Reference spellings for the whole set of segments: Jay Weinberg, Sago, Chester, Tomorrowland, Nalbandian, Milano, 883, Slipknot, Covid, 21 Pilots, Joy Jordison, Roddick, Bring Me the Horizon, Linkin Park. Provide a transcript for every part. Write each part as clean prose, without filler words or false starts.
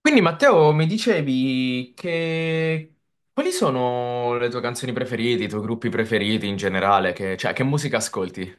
Quindi Matteo, mi dicevi che quali sono le tue canzoni preferite, i tuoi gruppi preferiti in generale, cioè che musica ascolti?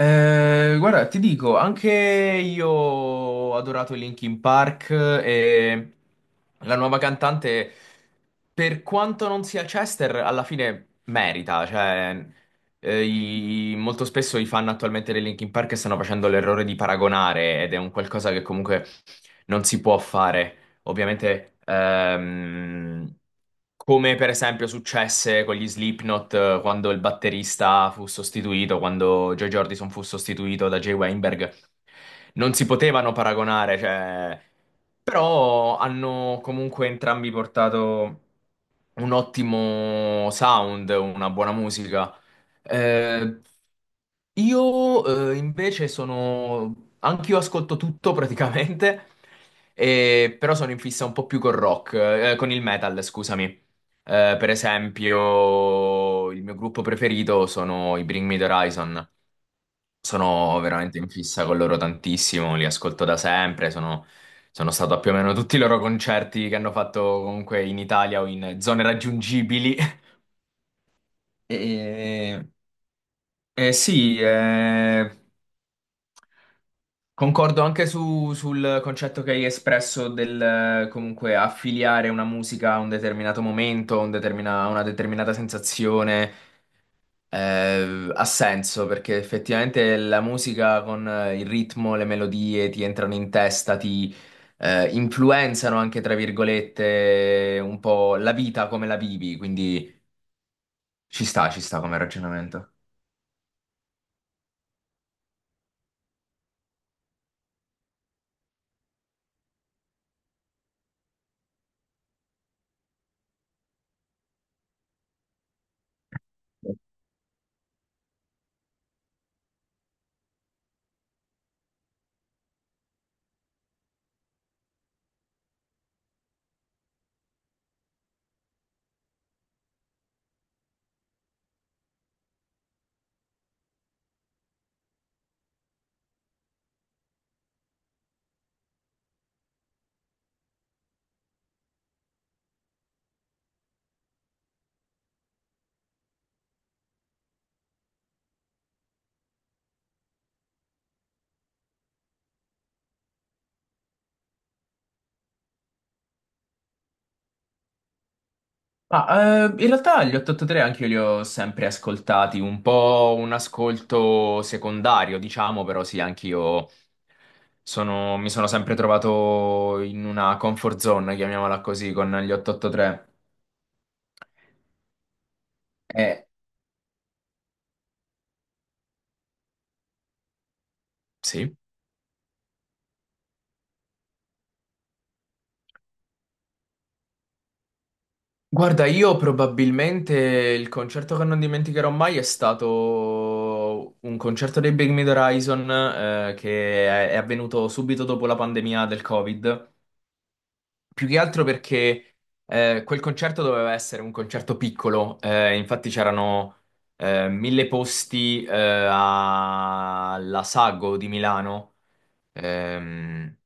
Guarda, ti dico, anche io ho adorato Linkin Park e la nuova cantante, per quanto non sia Chester, alla fine merita, cioè molto spesso i fan attualmente dei Linkin Park stanno facendo l'errore di paragonare ed è un qualcosa che comunque non si può fare. Ovviamente, come per esempio successe con gli Slipknot, quando il batterista fu sostituito, quando Joy Jordison fu sostituito da Jay Weinberg, non si potevano paragonare, cioè, però hanno comunque entrambi portato un ottimo sound, una buona musica. Eh, io Anch'io ascolto tutto praticamente, però sono in fissa un po' più col rock, con il metal, scusami. Per esempio, il mio gruppo preferito sono i Bring Me the Horizon. Sono veramente in fissa con loro tantissimo, li ascolto da sempre, sono stato a più o meno tutti i loro concerti che hanno fatto comunque in Italia o in zone raggiungibili. E, e sì, concordo anche sul concetto che hai espresso del comunque affiliare una musica a un determinato momento, una determinata sensazione. Ha senso perché effettivamente la musica con il ritmo, le melodie ti entrano in testa, ti influenzano anche, tra virgolette, un po' la vita come la vivi, quindi ci sta come ragionamento. Ah, in realtà gli 883 anche io li ho sempre ascoltati, un po' un ascolto secondario, diciamo, però sì, anche io mi sono sempre trovato in una comfort zone, chiamiamola così, con gli 883. Sì. Guarda, io probabilmente il concerto che non dimenticherò mai è stato un concerto dei Big Mid Horizon, che è avvenuto subito dopo la pandemia del Covid. Più che altro perché quel concerto doveva essere un concerto piccolo, infatti c'erano mille posti, alla Sago di Milano. Ehm,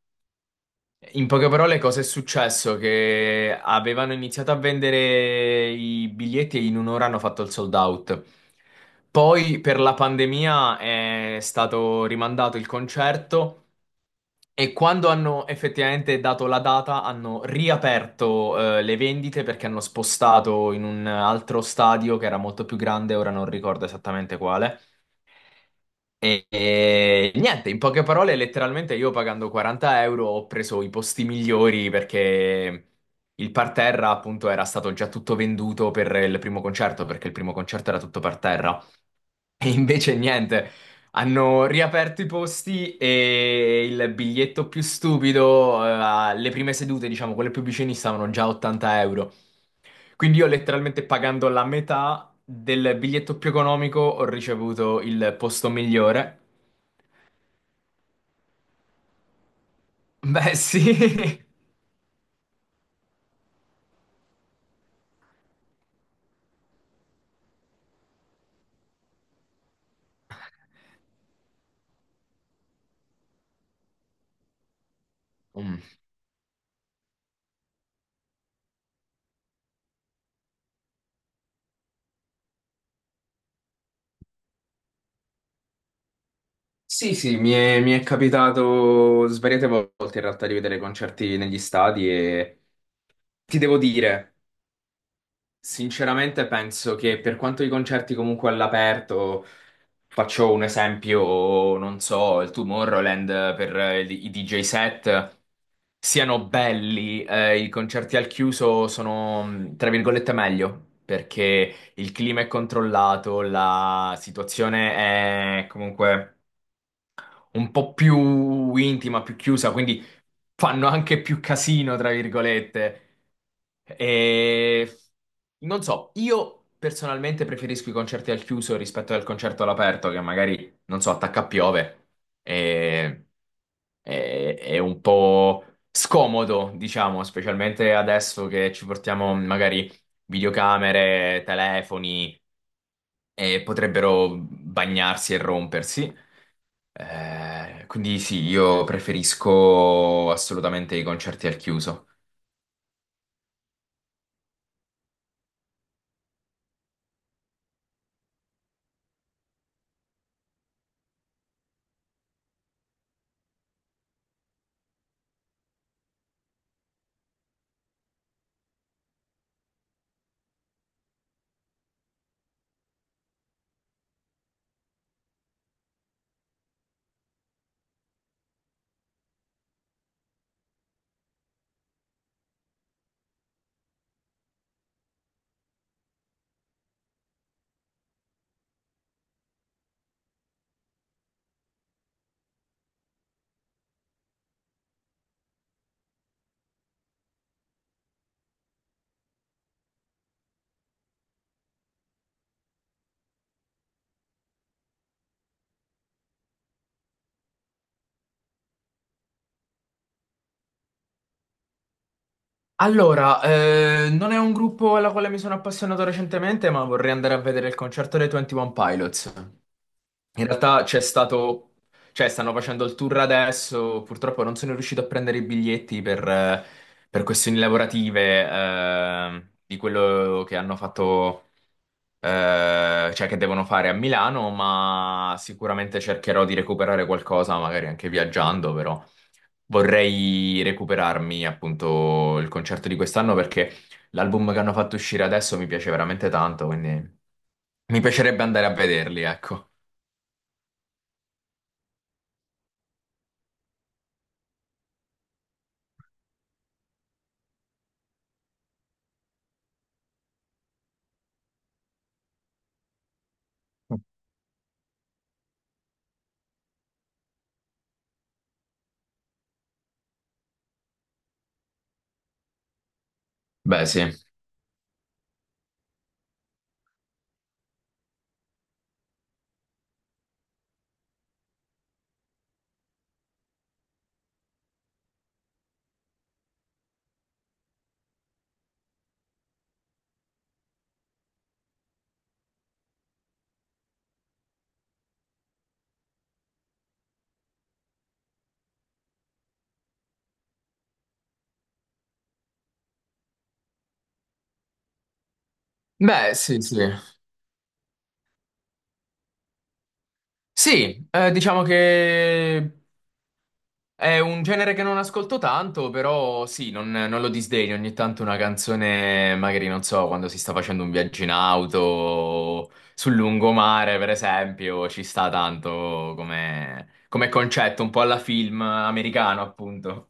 In poche parole, cosa è successo? Che avevano iniziato a vendere i biglietti e in un'ora hanno fatto il sold out. Poi per la pandemia è stato rimandato il concerto e quando hanno effettivamente dato la data hanno riaperto, le vendite, perché hanno spostato in un altro stadio che era molto più grande, ora non ricordo esattamente quale. E niente, in poche parole, letteralmente io pagando 40 euro ho preso i posti migliori perché il parterra appunto era stato già tutto venduto per il primo concerto, perché il primo concerto era tutto parterra. E invece niente, hanno riaperto i posti e il biglietto più stupido, alle prime sedute, diciamo, quelle più vicine, stavano già a 80 euro. Quindi io letteralmente pagando la metà del biglietto più economico ho ricevuto il posto migliore. Beh, sì. Mm. Sì, sì, mi è capitato svariate volte in realtà di vedere concerti negli stadi e ti devo dire. Sinceramente penso che per quanto i concerti comunque all'aperto, faccio un esempio, non so, il Tomorrowland per i DJ set siano belli, i concerti al chiuso sono, tra virgolette, meglio, perché il clima è controllato, la situazione è comunque un po' più intima, più chiusa, quindi fanno anche più casino, tra virgolette. E non so, io personalmente preferisco i concerti al chiuso rispetto al concerto all'aperto, che magari, non so, attacca a piove. E... è un po' scomodo, diciamo, specialmente adesso che ci portiamo magari videocamere, telefoni, e potrebbero bagnarsi e rompersi. Quindi sì, io preferisco assolutamente i concerti al chiuso. Allora, non è un gruppo alla quale mi sono appassionato recentemente, ma vorrei andare a vedere il concerto dei 21 Pilots. In realtà c'è stato, cioè stanno facendo il tour adesso, purtroppo non sono riuscito a prendere i biglietti per questioni lavorative, di quello che hanno fatto, cioè che devono fare a Milano, ma sicuramente cercherò di recuperare qualcosa, magari anche viaggiando, però vorrei recuperarmi appunto il concerto di quest'anno perché l'album che hanno fatto uscire adesso mi piace veramente tanto, quindi mi piacerebbe andare a vederli, ecco. Beh, sì. Beh, sì, sì. Sì, diciamo che è un genere che non ascolto tanto, però sì, non, non lo disdegno. Ogni tanto una canzone, magari non so, quando si sta facendo un viaggio in auto, sul lungomare, per esempio, ci sta tanto come, come concetto, un po' alla film americano, appunto.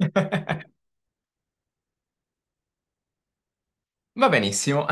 Va benissimo.